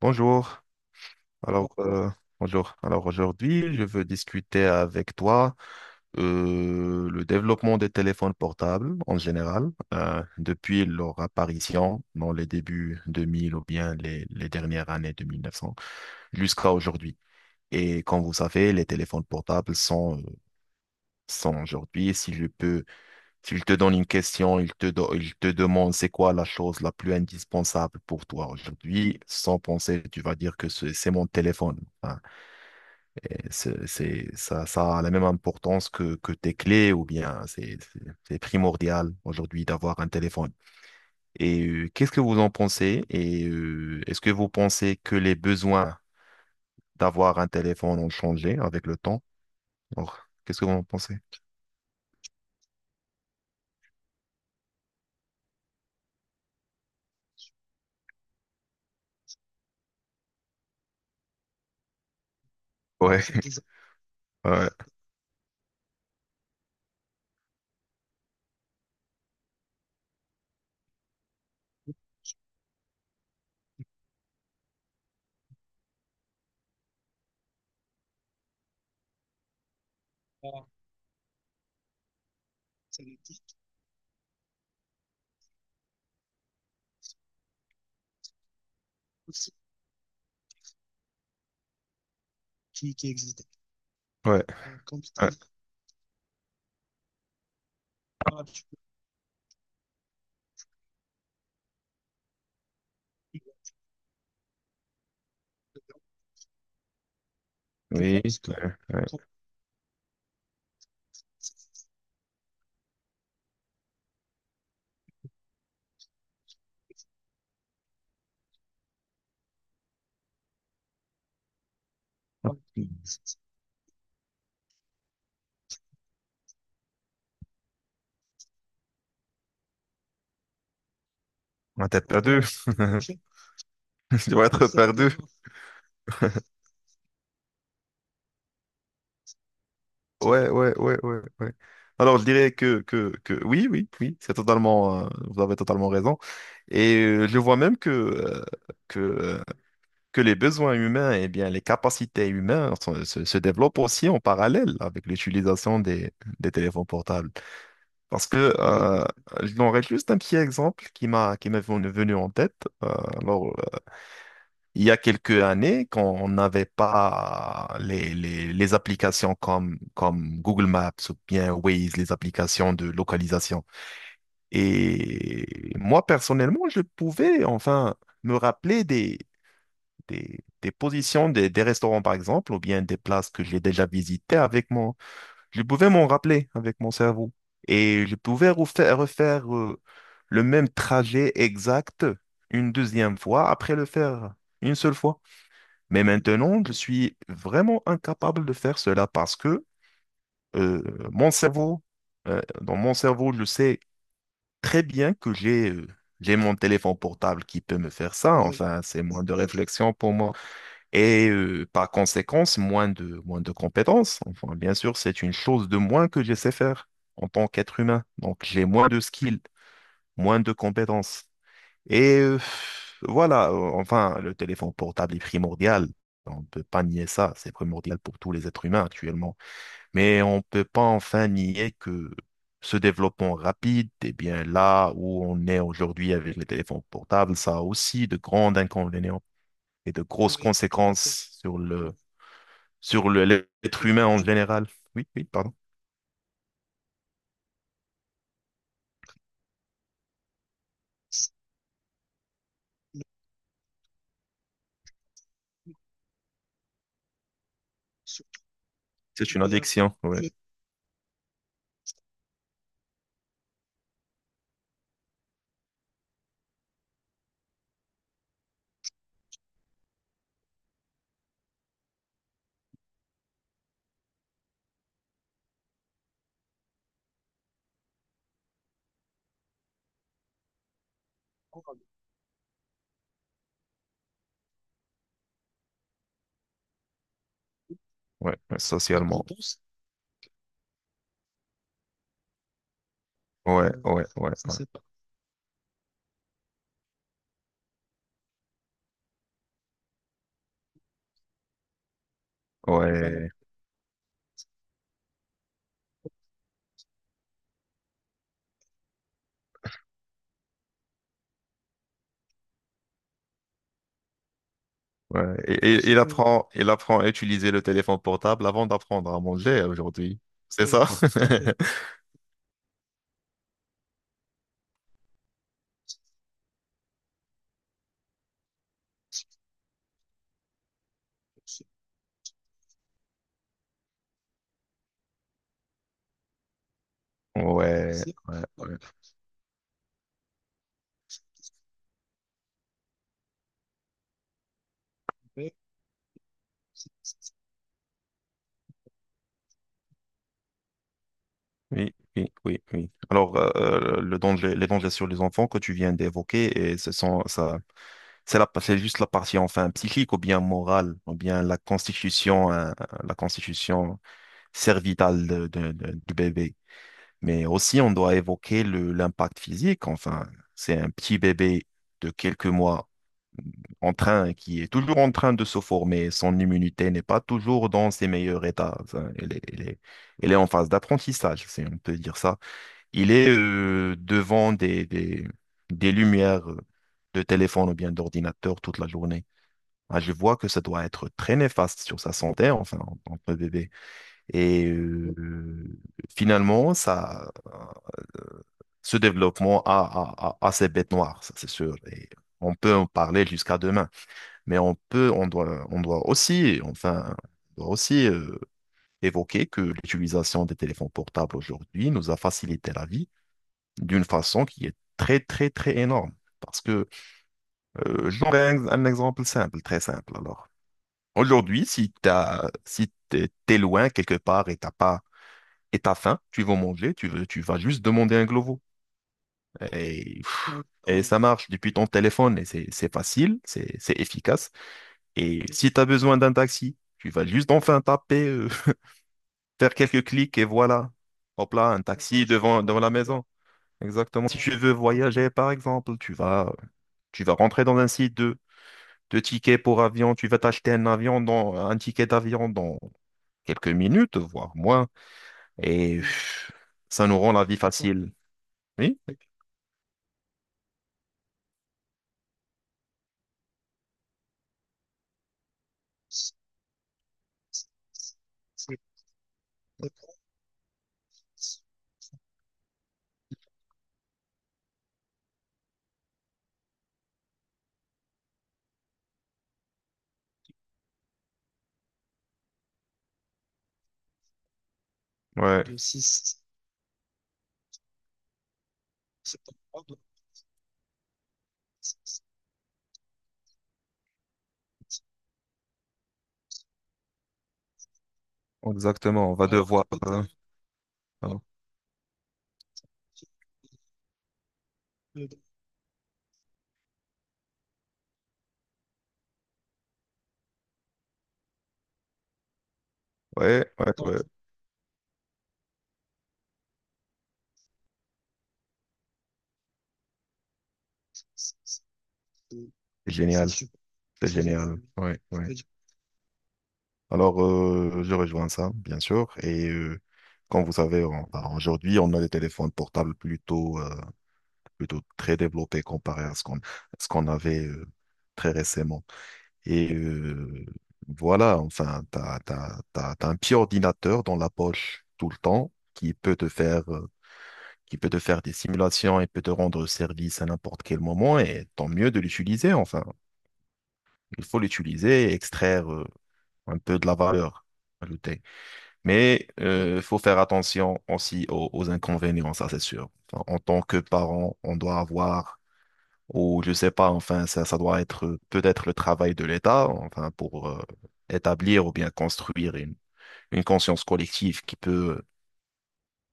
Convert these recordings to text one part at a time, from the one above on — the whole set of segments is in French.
Bonjour. Alors, euh, bonjour. Alors aujourd'hui, je veux discuter avec toi le développement des téléphones portables en général, depuis leur apparition dans les débuts 2000 ou bien les dernières années de 1900 jusqu'à aujourd'hui. Et comme vous savez, les téléphones portables sont aujourd'hui, si je peux s'il te donne une question, il te demande c'est quoi la chose la plus indispensable pour toi aujourd'hui, sans penser, tu vas dire que c'est mon téléphone. Enfin, ça, ça a la même importance que tes clés ou bien c'est primordial aujourd'hui d'avoir un téléphone. Et qu'est-ce que vous en pensez? Et est-ce que vous pensez que les besoins d'avoir un téléphone ont changé avec le temps? Alors, qu'est-ce que vous en pensez? Ouais, ouais, ouais. Ouais. Oui, compliqué. On va être à deux. Tu vas être par deux. Ouais, ouais, ouais, ouais, ouais. Alors, je dirais que oui, oui, oui, c'est totalement, vous avez totalement raison. Et je vois même que que les besoins humains, et bien, les capacités humaines se, se développent aussi en parallèle avec l'utilisation des téléphones portables. Parce que, oui, j'aurais juste un petit exemple qui m'est venu en tête. Euh, alors, Il y a quelques années, quand on n'avait pas les applications comme Google Maps ou bien Waze, les applications de localisation. Et moi, personnellement, je pouvais enfin me rappeler des positions des restaurants, par exemple, ou bien des places que j'ai déjà visitées avec mon... Je pouvais m'en rappeler avec mon cerveau. Et je pouvais refaire le même trajet exact une deuxième fois après le faire une seule fois. Mais maintenant, je suis vraiment incapable de faire cela parce que euh, mon cerveau, dans mon cerveau, je sais très bien que j'ai mon téléphone portable qui peut me faire ça. Enfin, c'est moins de réflexion pour moi et par conséquence, moins de compétences. Enfin, bien sûr, c'est une chose de moins que je sais faire en tant qu'être humain. Donc, j'ai moins de skills, moins de compétences. Et voilà, enfin, le téléphone portable est primordial. On ne peut pas nier ça, c'est primordial pour tous les êtres humains actuellement. Mais on ne peut pas enfin nier que ce développement rapide, eh bien là où on est aujourd'hui avec les téléphones portables, ça a aussi de grands inconvénients et de grosses conséquences sur le, l'être humain en général. Oui, oui, pardon. C'est une addiction, ouais, ouais, ouais, toi, socialement. Ouais, ouais, ouais, ouais, ouais, ouais. Et- il Parce apprend, il apprend à utiliser le téléphone portable avant d'apprendre à manger aujourd'hui. C'est oui, ça? Oui, ouais, ouais, ouais. Oui, oui, oui, oui. Alors, le danger, les dangers sur les enfants que tu viens d'évoquer, et ce sont, ça, c'est juste la partie enfin psychique ou bien morale ou bien la constitution, hein, la constitution cervitale du bébé. Mais aussi, on doit évoquer le, l'impact physique. Enfin, c'est un petit bébé de quelques mois qui est toujours en train de se former, son immunité n'est pas toujours dans ses meilleurs états. Enfin, elle elle est en phase d'apprentissage, si on peut dire ça. Il est devant des lumières de téléphone ou bien d'ordinateur toute la journée. Ah, je vois que ça doit être très néfaste sur sa santé, enfin, en tant que bébé. Et finalement, ça, ce développement a ses bêtes noires, ça c'est sûr. Et on peut en parler jusqu'à demain. Mais on peut, on doit aussi, on doit aussi euh, évoquer que l'utilisation des téléphones portables aujourd'hui nous a facilité la vie d'une façon qui est très, très, très énorme. Parce que, je donnerai un exemple simple, très simple. Alors, aujourd'hui, si t'as, si t'es, t'es loin quelque part et t'as faim, tu vas manger, tu veux, tu vas juste demander un globo. Et, et ça marche depuis ton téléphone et c'est facile, c'est efficace. Et si tu as besoin d'un taxi, tu vas juste enfin taper, faire quelques clics et voilà. Hop là, un taxi devant la maison. Exactement. Si tu veux voyager, par exemple, tu vas rentrer dans un site de tickets pour avion, tu vas t'acheter un avion dans, un ticket d'avion dans quelques minutes, voire moins. Et pff, ça nous rend la vie facile. Oui? Ouais, exactement. On va devoir. Ouais, ouais, ouais. C'est génial. C'est génial. Ouais, ouais. Alors, je rejoins ça, bien sûr. Et comme vous savez, enfin, aujourd'hui, on a des téléphones portables plutôt très développés comparé à ce qu'on avait très récemment. Et voilà, enfin, tu as, t'as, t'as- t'as un petit ordinateur dans la poche tout le temps qui peut te faire, qui peut te faire des simulations et peut te rendre service à n'importe quel moment. Et tant mieux de l'utiliser, enfin. Il faut l'utiliser et extraire un peu de la valeur ajoutée. Mais il faut faire attention aussi aux inconvénients, ça c'est sûr. Enfin, en tant que parent, on doit avoir, ou je sais pas, enfin, ça doit être peut-être le travail de l'État, enfin, pour établir ou bien construire une conscience collective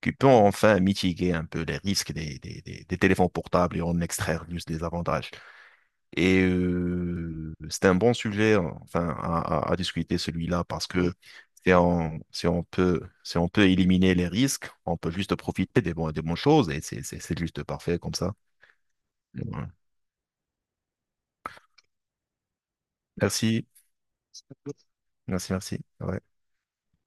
qui peut enfin mitiguer un peu les risques des téléphones portables et en extraire juste des avantages. Et c'était un bon sujet, hein, enfin, à discuter celui-là parce que si on peut éliminer les risques, on peut juste profiter des bonnes choses et c'est juste parfait comme ça. Ouais. Merci, merci, merci. Ouais.